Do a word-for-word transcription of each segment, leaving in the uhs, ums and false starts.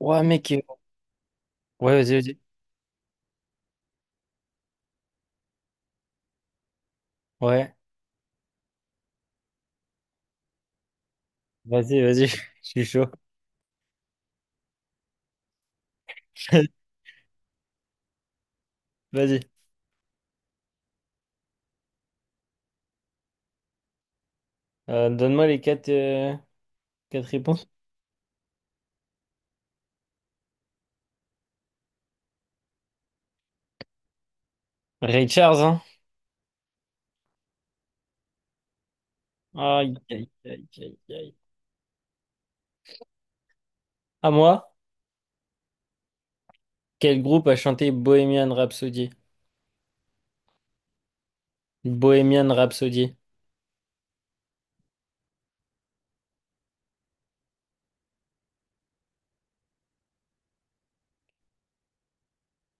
Ouais, mec. euh, Ouais, vas-y, vas-y. Ouais, vas-y, vas-y. Je suis chaud. Vas-y. Euh, donne-moi les quatre, euh, quatre réponses. Ray Charles, hein? Aïe, aïe, aïe, aïe, aïe. À moi, quel groupe a chanté Bohemian Rhapsody? Bohemian Rhapsody.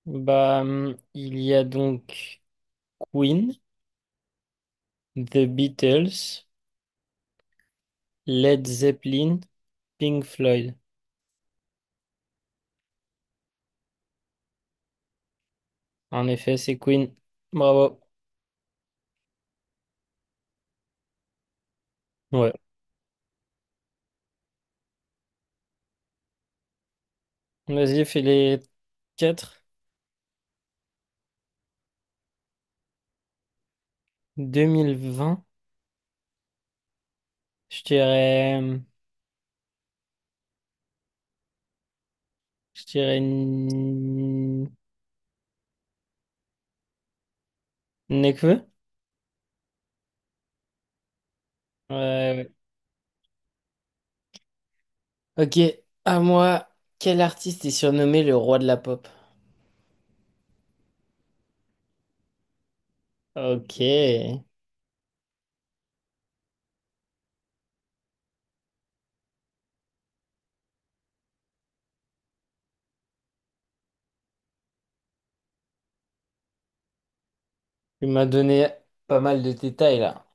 Bah, hum, il y a donc Queen, The Beatles, Led Zeppelin, Pink Floyd. En effet, c'est Queen. Bravo. Ouais. Vas-y, fais les quatre. deux mille vingt. Je dirais, je dirais N- Nekfeu. Ouais, ouais. Ok, à moi, quel artiste est surnommé le roi de la pop? Ok, tu m'as donné pas mal de détails là.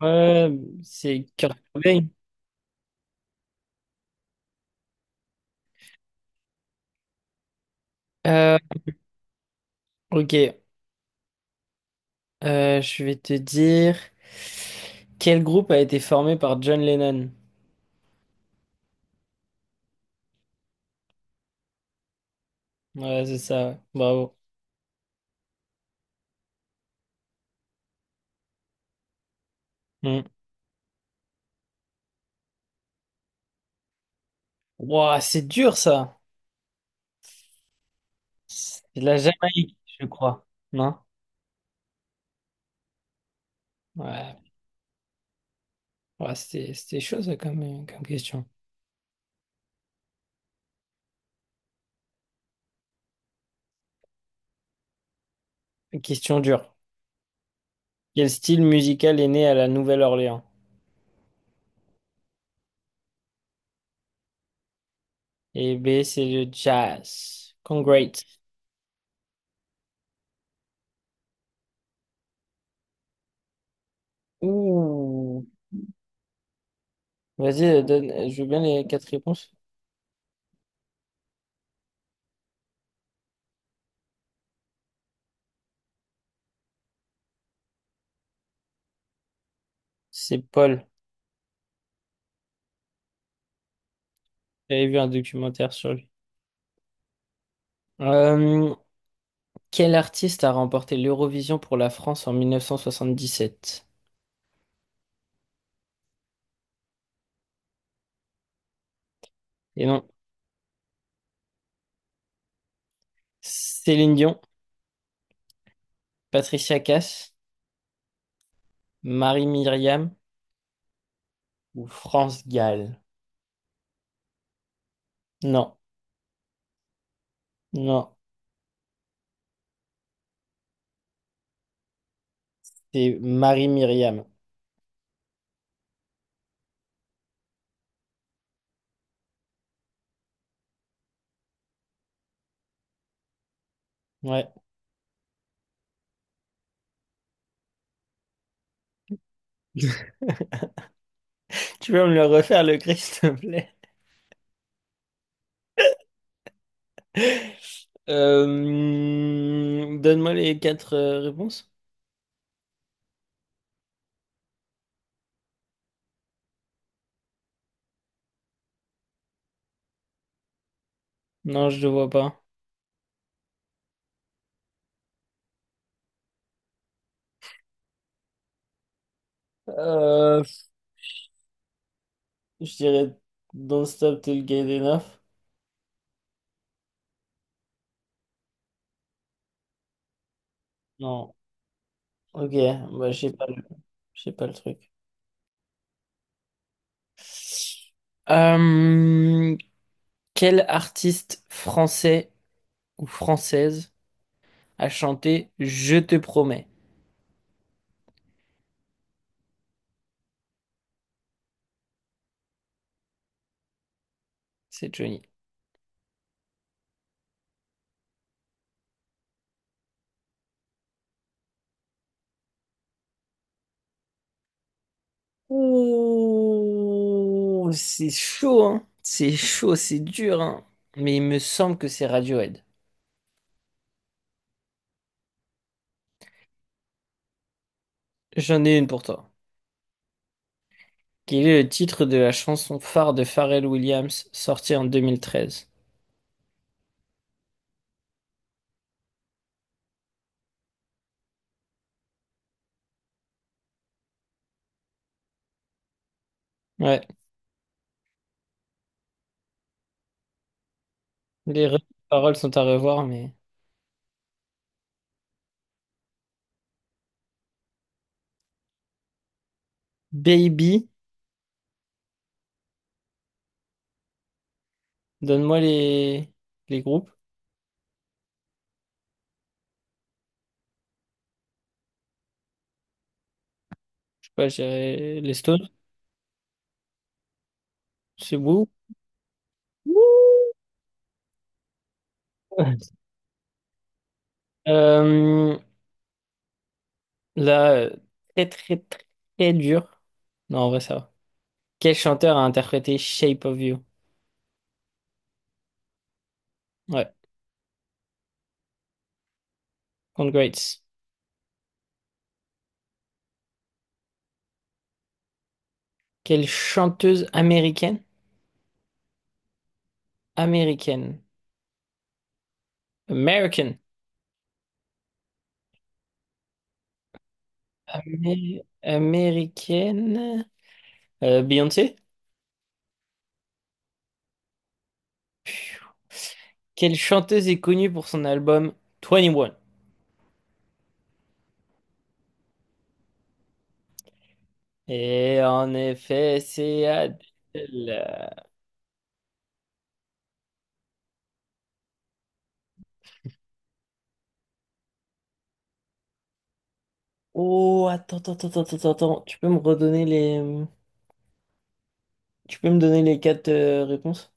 Ouais, c'est Kurt Cobain. Euh, ok. Euh, je vais te dire quel groupe a été formé par John Lennon. Ouais, c'est ça, ouais. Bravo. Mm. Ouah, c'est dur ça. C'est de la Jamaïque, je crois. Non? Ouais. Ouais, c'était, c'était chaud, ça, comme, euh, comme question. Une question dure. Quel style musical est né à la Nouvelle-Orléans? Et B, c'est le jazz. Congrats. Ouh. Vas-y, euh, donne, euh, je veux bien les quatre réponses. C'est Paul. J'avais vu un documentaire sur lui. Euh, Quel artiste a remporté l'Eurovision pour la France en mille neuf cent soixante-dix-sept? Et non, Céline Dion, Patricia Cass, Marie-Myriam ou France Gall? Non, non, c'est Marie-Myriam. Ouais. Tu peux me le refaire, le cri, s'il te plaît? Euh, donne-moi les quatre euh, réponses. Non, je ne vois pas. Euh, je dirais Don't Stop Till Get Enough. Non. Ok, bah, je sais pas le, je sais pas le truc. Euh, Quel artiste français ou française a chanté Je te promets? C'est Johnny. Ouh, c'est chaud, hein. C'est chaud, c'est dur, hein. Mais il me semble que c'est Radiohead. J'en ai une pour toi. Quel est le titre de la chanson phare de Pharrell Williams sortie en deux mille treize? Ouais, les re- paroles sont à revoir, mais. Baby, donne-moi les... les groupes. Je sais pas, j'ai les Stones. C'est beau. Euh, Là, euh, très très très dur. Non, en vrai, ça va. Quel chanteur a interprété Shape of You? Ouais. Congrats. Quelle chanteuse américaine? Américaine. American. Amé- américaine. Euh, Beyoncé? Quelle chanteuse est connue pour son album Twenty One? Et en effet, c'est Adele. Oh, attends, attends, attends, attends, attends, attends. Tu peux me redonner les. Tu peux me donner les quatre euh, réponses?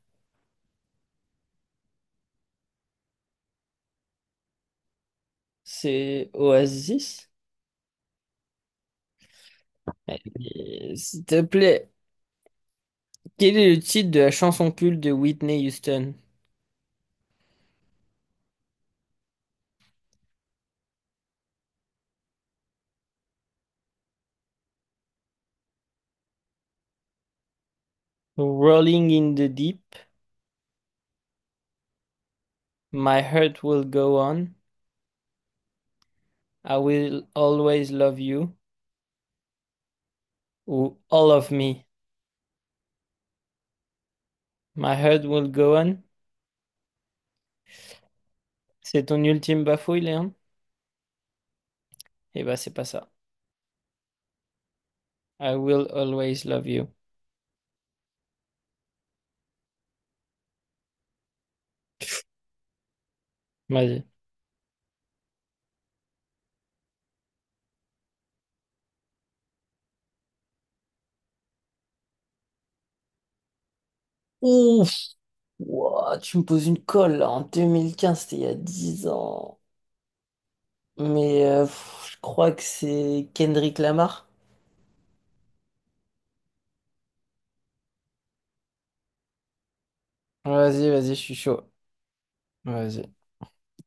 C'est Oasis? Euh, S'il te plaît, quel est le titre de la chanson culte de Whitney Houston? Rolling in the Deep, My heart will go on. I will always love you. Ou all of me. My heart will go on. C'est ton ultime bafouille, Léon? Eh ben, c'est pas ça. I will always love you. Vas-y. Ouf, ouah, tu me poses une colle là, en deux mille quinze, c'était il y a dix ans. Mais euh, pff, je crois que c'est Kendrick Lamar. Vas-y, vas-y, je suis chaud. Vas-y.